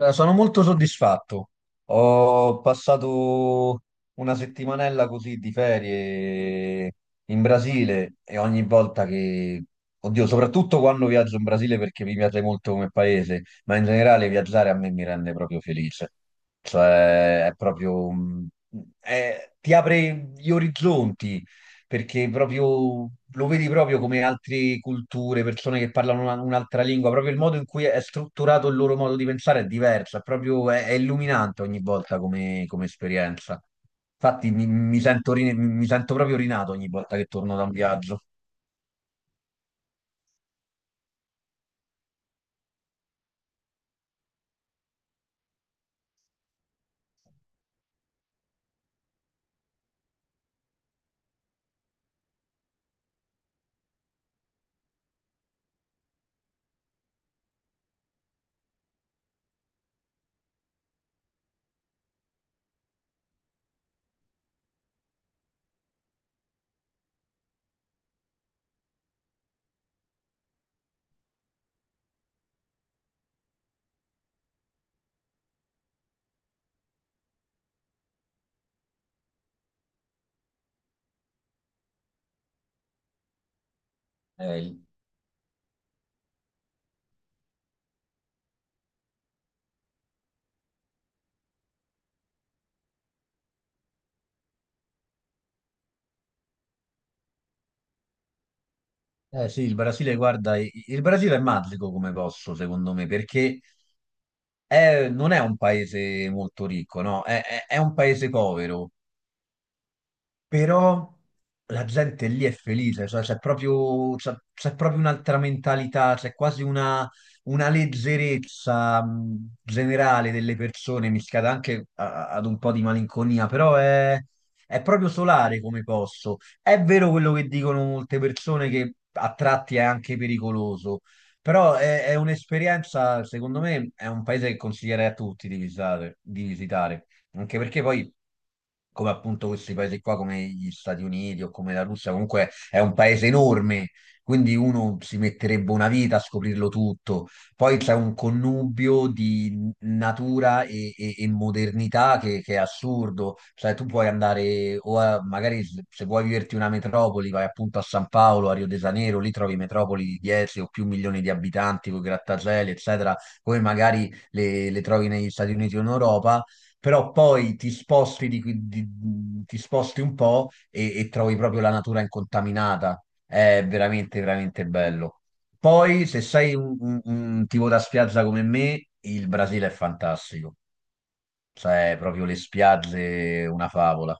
Sono molto soddisfatto. Ho passato una settimanella così di ferie in Brasile e ogni volta che, oddio, soprattutto quando viaggio in Brasile perché mi piace molto come paese, ma in generale viaggiare a me mi rende proprio felice. Cioè, è proprio, ti apre gli orizzonti, perché proprio lo vedi proprio come altre culture, persone che parlano un'altra lingua, proprio il modo in cui è strutturato il loro modo di pensare è diverso, è proprio, è illuminante ogni volta come esperienza. Infatti mi mi sento proprio rinato ogni volta che torno da un viaggio. Eh, il- eh sì, il Brasile, guarda, il Brasile è magico come posso secondo me, perché non è un paese molto ricco, no? È un paese povero, però la gente lì è felice, cioè c'è proprio, c'è proprio un'altra mentalità, c'è quasi una leggerezza generale delle persone, mischiata anche ad un po' di malinconia, però, è proprio solare come posso. È vero quello che dicono molte persone che a tratti è anche pericoloso, però è un'esperienza, secondo me, è un paese che consiglierei a tutti di visitare, di visitare. Anche perché poi, come appunto questi paesi qua, come gli Stati Uniti o come la Russia, comunque è un paese enorme, quindi uno si metterebbe una vita a scoprirlo tutto. Poi c'è un connubio di natura e modernità che è assurdo. Cioè, tu puoi magari se vuoi viverti una metropoli, vai appunto a San Paolo, a Rio de Janeiro, lì trovi metropoli di 10 o più milioni di abitanti, con grattacieli, eccetera, come magari le trovi negli Stati Uniti o in Europa. Però poi ti sposti, ti sposti un po' e trovi proprio la natura incontaminata. È veramente, veramente bello. Poi, se sei un tipo da spiaggia come me, il Brasile è fantastico. Cioè, proprio le spiagge, una favola.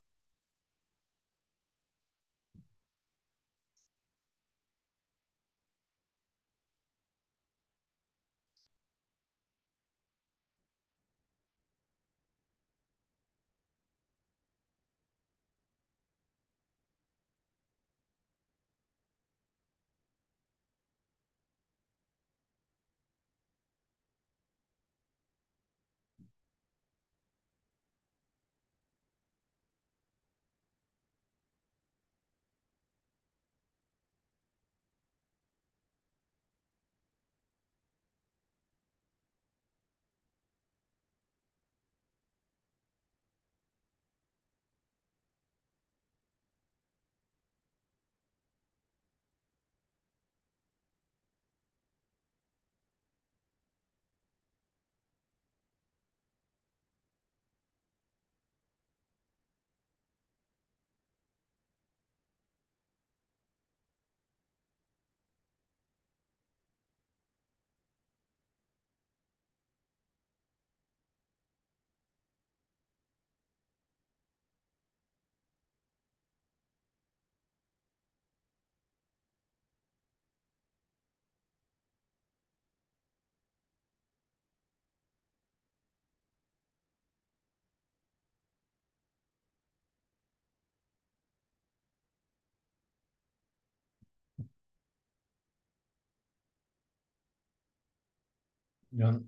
Non-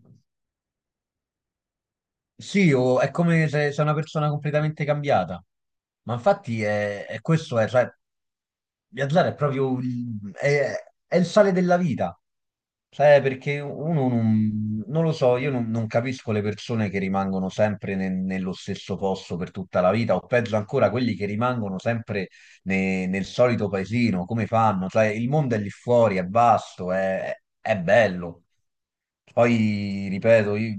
Sì, o è come se sei una persona completamente cambiata. Ma infatti è questo, cioè, viaggiare è proprio è il sale della vita. Cioè, perché uno non lo so, io non capisco le persone che rimangono sempre nello stesso posto per tutta la vita, o peggio ancora quelli che rimangono sempre nel solito paesino, come fanno? Cioè, il mondo è lì fuori, è vasto, è bello. Poi, ripeto, io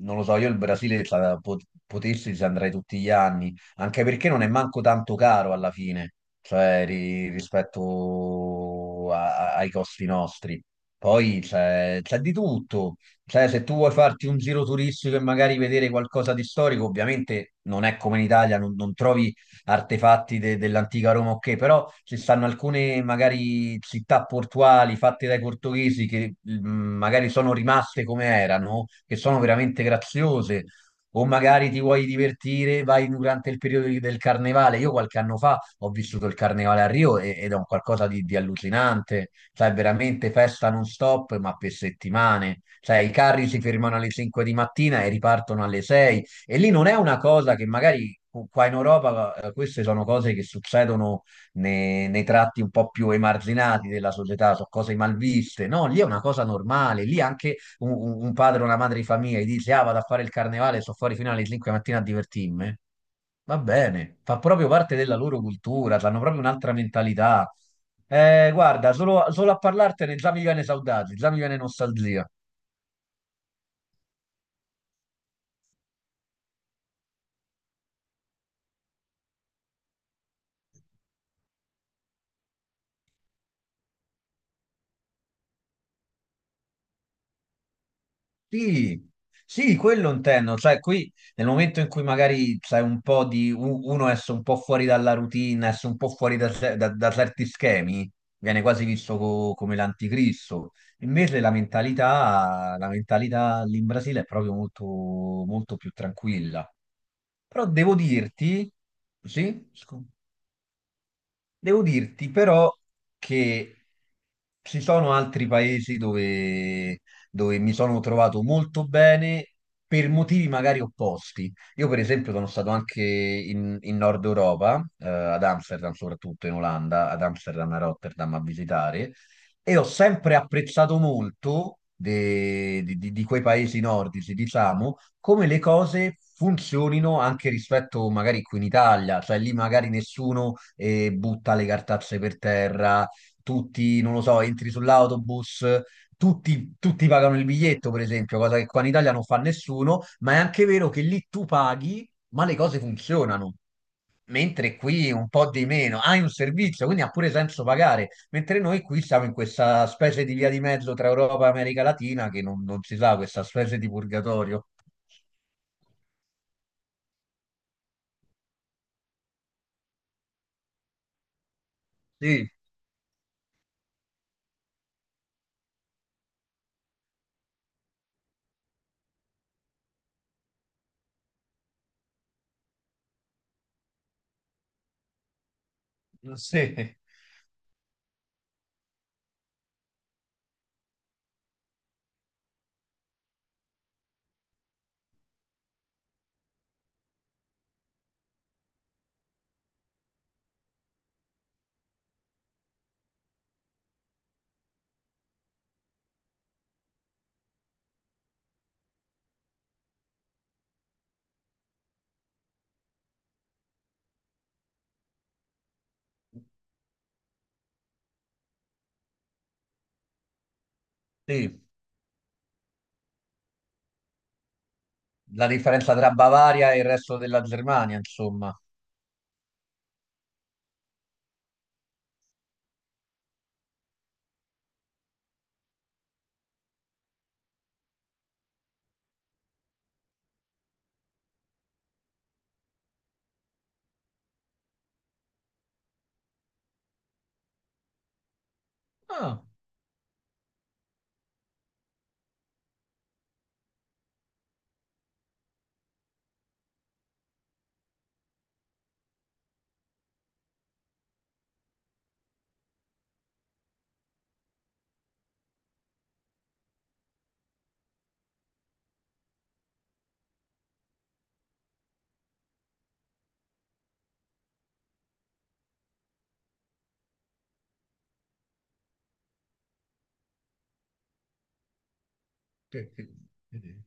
non lo so, io il potessi ci andrei tutti gli anni, anche perché non è manco tanto caro alla fine, cioè rispetto ai costi nostri. Poi c'è di tutto, cioè se tu vuoi farti un giro turistico e magari vedere qualcosa di storico, ovviamente non è come in Italia, non trovi artefatti dell'antica Roma, ok, però ci stanno alcune magari città portuali fatte dai portoghesi che magari sono rimaste come erano, che sono veramente graziose. O magari ti vuoi divertire, vai durante il periodo del carnevale. Io qualche anno fa ho vissuto il carnevale a Rio ed è un qualcosa di allucinante. Cioè, veramente festa non stop, ma per settimane. Cioè, i carri si fermano alle 5 di mattina e ripartono alle 6, e lì non è una cosa che magari qua in Europa, queste sono cose che succedono nei tratti un po' più emarginati della società, sono cose malviste. No, lì è una cosa normale. Lì anche un padre o una madre di famiglia gli dice: ah, vado a fare il carnevale, sto fuori fino alle 5 di mattina a divertirmi. Va bene, fa proprio parte della loro cultura, hanno proprio un'altra mentalità. Guarda, solo a parlartene già mi viene saudade, già mi viene nostalgia. Sì, sì, quello intendo, cioè qui nel momento in cui magari c'è un po' uno esce un po' fuori dalla routine, esce un po' fuori da certi schemi, viene quasi visto come l'anticristo. Invece la mentalità lì in Brasile è proprio molto, molto più tranquilla. Però devo dirti, sì, devo dirti però che ci sono altri paesi dove, dove mi sono trovato molto bene per motivi magari opposti. Io per esempio sono stato anche in Nord Europa, ad Amsterdam soprattutto in Olanda, ad Amsterdam e a Rotterdam a visitare, e ho sempre apprezzato molto di quei paesi nordici, diciamo, come le cose funzionino anche rispetto magari qui in Italia, cioè lì magari nessuno butta le cartacce per terra, tutti, non lo so, entri sull'autobus, tutti pagano il biglietto, per esempio, cosa che qua in Italia non fa nessuno, ma è anche vero che lì tu paghi, ma le cose funzionano. Mentre qui un po' di meno, hai un servizio, quindi ha pure senso pagare, mentre noi qui siamo in questa specie di via di mezzo tra Europa e America Latina che non si sa, questa specie di purgatorio. Sì, sì, sì, la differenza tra Bavaria e il resto della Germania, insomma. Ah, che- che- vedi.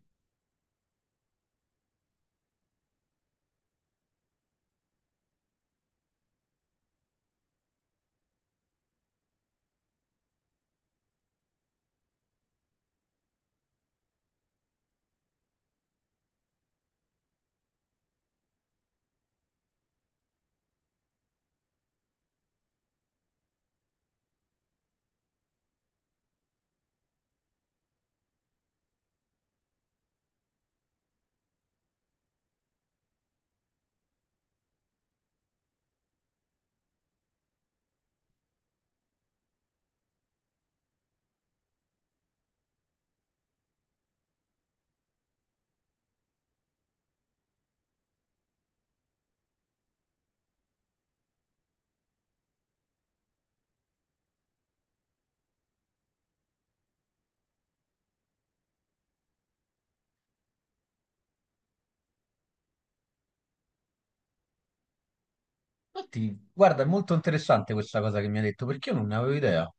Infatti, guarda, è molto interessante questa cosa che mi hai detto, perché io non ne avevo idea.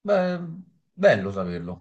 Beh, bello saperlo.